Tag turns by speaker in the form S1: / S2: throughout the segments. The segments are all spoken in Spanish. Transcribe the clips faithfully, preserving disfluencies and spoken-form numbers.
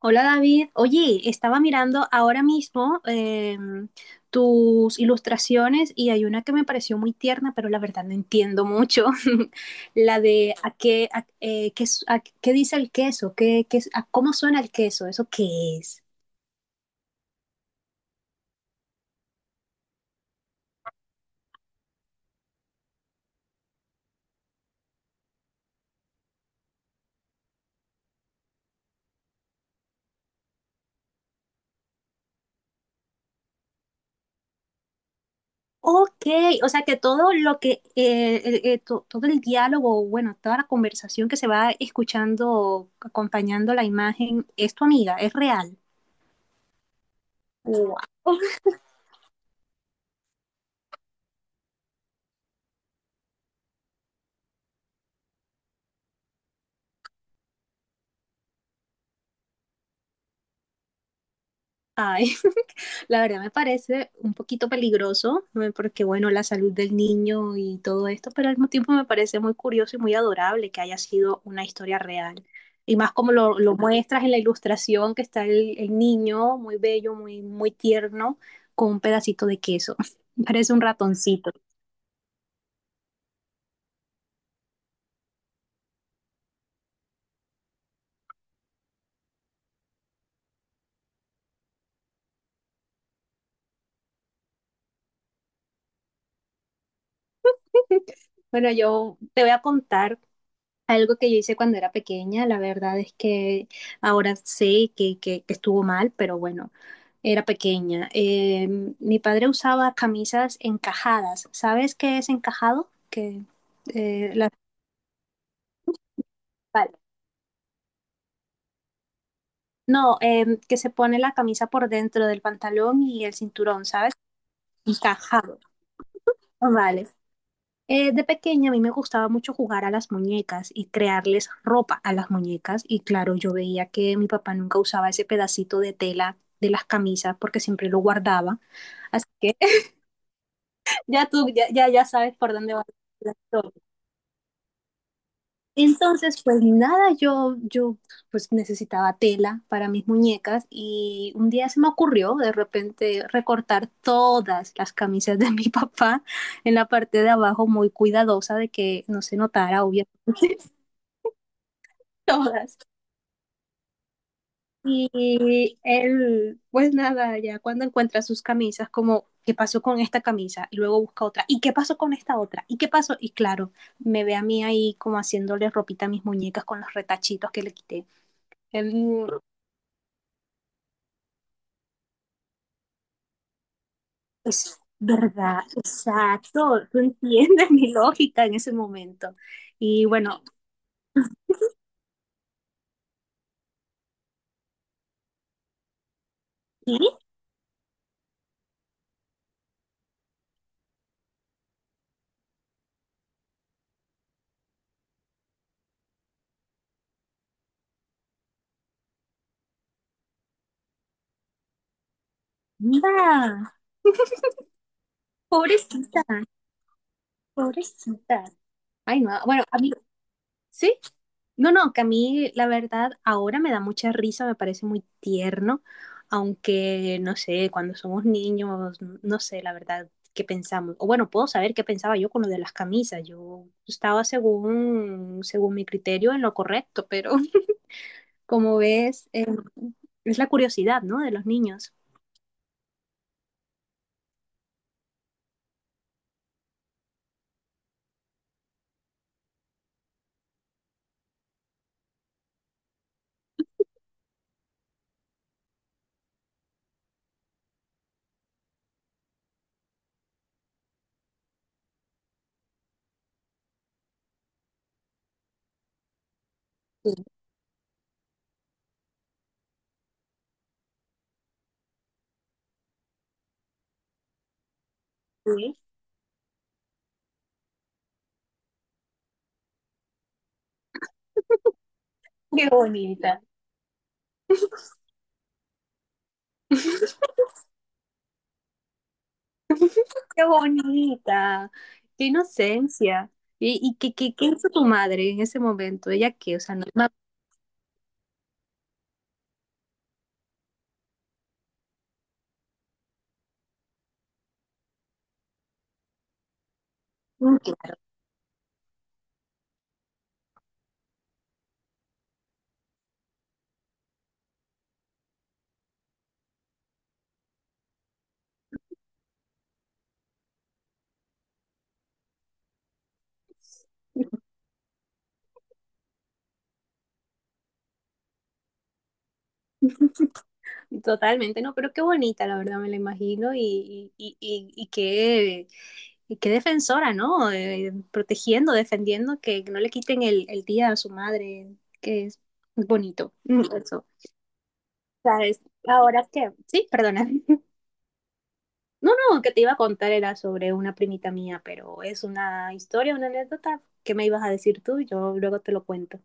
S1: Hola David, oye, estaba mirando ahora mismo em, tus ilustraciones y hay una que me pareció muy tierna, pero la verdad no entiendo mucho. La de a qué, a- eh, qué, s- a qué dice el queso, qué, qué es- a cómo suena el queso, ¿eso qué es? Ok, o sea que todo lo que, eh, eh, eh, to- todo el diálogo, bueno, toda la conversación que se va escuchando, acompañando la imagen, es tu amiga, es real. Wow. Ay, la verdad me parece un poquito peligroso, ¿no? Porque bueno, la salud del niño y todo esto, pero al mismo tiempo me parece muy curioso y muy adorable que haya sido una historia real. Y más como lo, lo muestras en la ilustración, que está el, el niño muy bello, muy, muy tierno, con un pedacito de queso. Parece un ratoncito. Bueno, yo te voy a contar algo que yo hice cuando era pequeña, la verdad es que ahora sé que, que- que estuvo mal, pero bueno, era pequeña. Eh, mi padre usaba camisas encajadas. ¿Sabes qué es encajado? Que eh, la- vale. No, eh, que se pone la camisa por dentro del pantalón y el cinturón, ¿sabes? Encajado. Ah, vale. Eh, de pequeña a mí me gustaba mucho jugar a las muñecas y crearles ropa a las muñecas y claro, yo veía que mi papá nunca usaba ese pedacito de tela de las camisas porque siempre lo guardaba, así que ya tú ya ya, ya sabes por dónde va la historia. Entonces, pues nada, yo yo pues necesitaba tela para mis muñecas y un día se me ocurrió de repente recortar todas las camisas de mi papá en la parte de abajo, muy cuidadosa de que no se notara, obviamente. Todas. Y él, pues nada, ya cuando encuentra sus camisas, como, ¿qué pasó con esta camisa? Y luego busca otra. ¿Y qué pasó con esta otra? ¿Y qué pasó? Y claro, me ve a mí ahí como haciéndole ropita a mis muñecas con los retachitos que le quité. Em, es verdad, exacto. Tú entiendes mi lógica en ese momento. Y bueno, ¿qué? Mira, pobrecita, pobrecita. Ay, no, bueno, a mí, sí. No, no, que a mí la verdad ahora me da mucha risa, me parece muy tierno, aunque no sé, cuando somos niños, no sé la verdad qué pensamos. O bueno, puedo saber qué pensaba yo con lo de las camisas. Yo estaba según, según mi criterio en lo correcto, pero como ves, eh, es la curiosidad, ¿no? De los niños. Sí. Sí. Qué bonita. Qué bonita, qué inocencia. ¿Y, y qué, qué, qué hizo tu madre en ese momento? ¿Ella qué? O sea, no, no. Mm, claro. Totalmente, no, pero qué bonita, la verdad, me la imagino y, y, y, y qué, y qué defensora, ¿no? Eh, protegiendo, defendiendo, que no le quiten el, el día a su madre, que es bonito, mm, eso. ¿Sabes? Ahora que, sí, perdona. No, no, que te iba a contar era sobre una primita mía, pero es una historia, una anécdota que me ibas a decir tú, yo luego te lo cuento.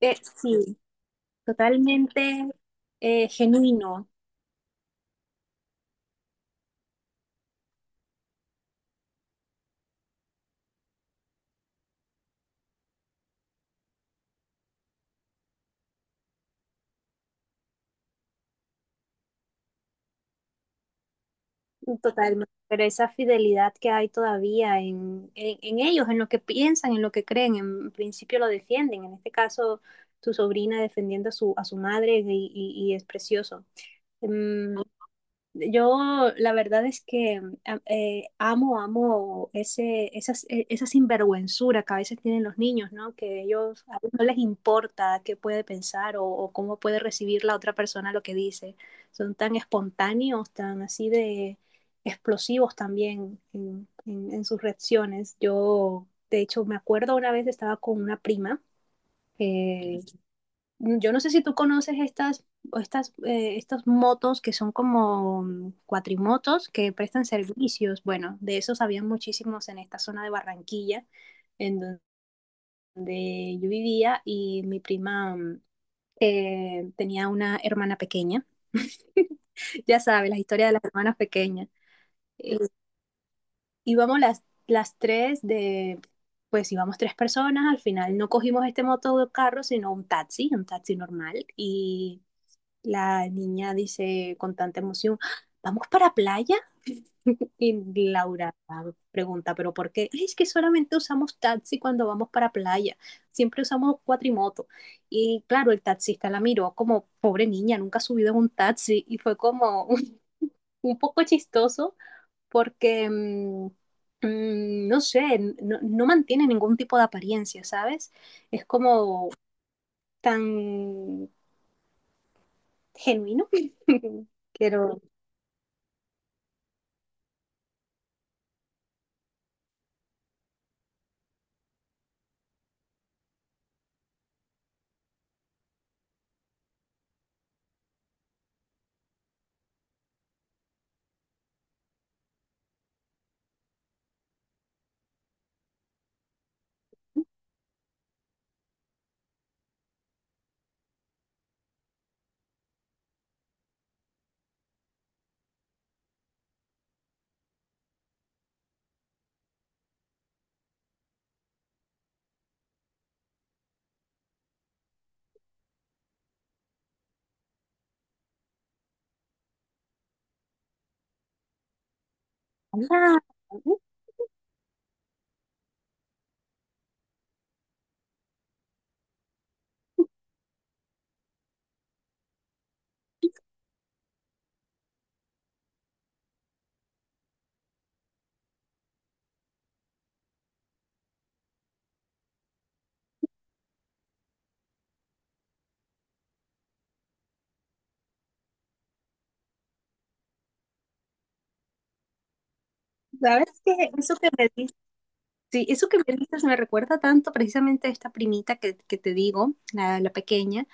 S1: Eh, sí, totalmente. Eh, genuino. Totalmente, pero esa fidelidad que hay todavía en, en, en ellos, en lo que piensan, en lo que creen, en principio lo defienden. En este caso, tu sobrina defendiendo a su, a su madre y, y- y es precioso. Mm, yo la verdad es que a- eh, amo, amo ese, esas, e- esa sinvergüenzura que a veces tienen los niños, ¿no? Que ellos a veces no les importa qué puede pensar o, o cómo puede recibir la otra persona lo que dice. Son tan espontáneos, tan así de explosivos también en, en- en sus reacciones. Yo, de hecho, me acuerdo una vez estaba con una prima. Eh, mm, yo no sé si tú conoces estas, o estas, eh, estos motos que son como mm, cuatrimotos que prestan servicios. Bueno, de esos había muchísimos en esta zona de Barranquilla, en donde yo vivía, y mi prima mm, eh, tenía una hermana pequeña. Ya sabes, la historia de las hermanas pequeñas. Eh, íbamos las, las tres de, pues íbamos tres personas, al final no cogimos este motocarro, sino un taxi, un taxi normal, y la niña dice con tanta emoción, ¿vamos para playa? Y Laura pregunta, ¿pero por qué? "Ay, es que solamente usamos taxi cuando vamos para playa, siempre usamos cuatrimoto." Y claro, el taxista la miró como, pobre niña, nunca ha subido en un taxi y fue como un poco chistoso porque, mm, mm, no sé, n- no, no mantiene ningún tipo de apariencia, ¿sabes? Es como tan genuino. Quiero ah, ¿sabes qué? Eso que me dices, sí, eso que me dices me recuerda tanto precisamente a esta primita que, que te digo, la, la pequeña.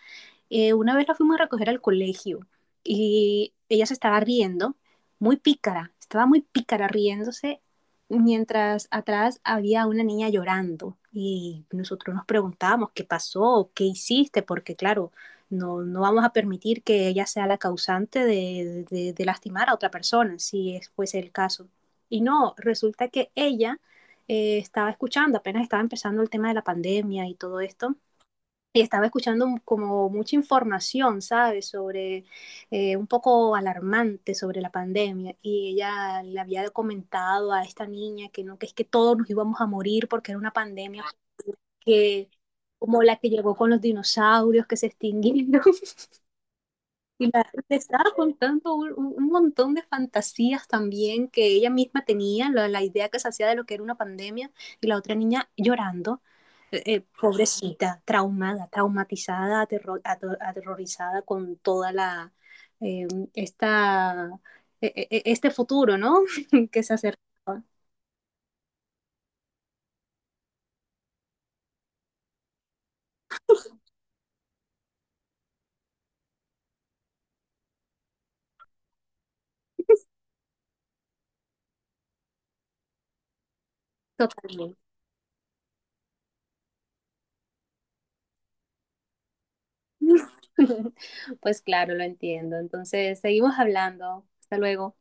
S1: Eh, una vez la fuimos a recoger al colegio y ella se estaba riendo, muy pícara, estaba muy pícara riéndose, mientras atrás había una niña llorando y nosotros nos preguntábamos qué pasó, qué hiciste, porque claro, no, no vamos a permitir que ella sea la causante de, de, de lastimar a otra persona, si es, fuese el caso. Y no, resulta que ella eh, estaba escuchando, apenas estaba empezando el tema de la pandemia y todo esto, y estaba escuchando como mucha información, ¿sabes? Sobre eh, un poco alarmante sobre la pandemia y ella le había comentado a esta niña que no, que es que todos nos íbamos a morir porque era una pandemia que como la que llegó con los dinosaurios que se extinguieron y la- le estaba contando un, un- un montón de fantasías también que ella misma tenía, la, la idea que se hacía de lo que era una pandemia, y la otra niña llorando, eh, eh, pobrecita, traumada, traumatizada, aterro- ato- aterrorizada con toda la, eh, esta, e- e- e- este futuro, ¿no? Que se acerca totalmente. Pues claro, lo entiendo. Entonces, seguimos hablando. Hasta luego.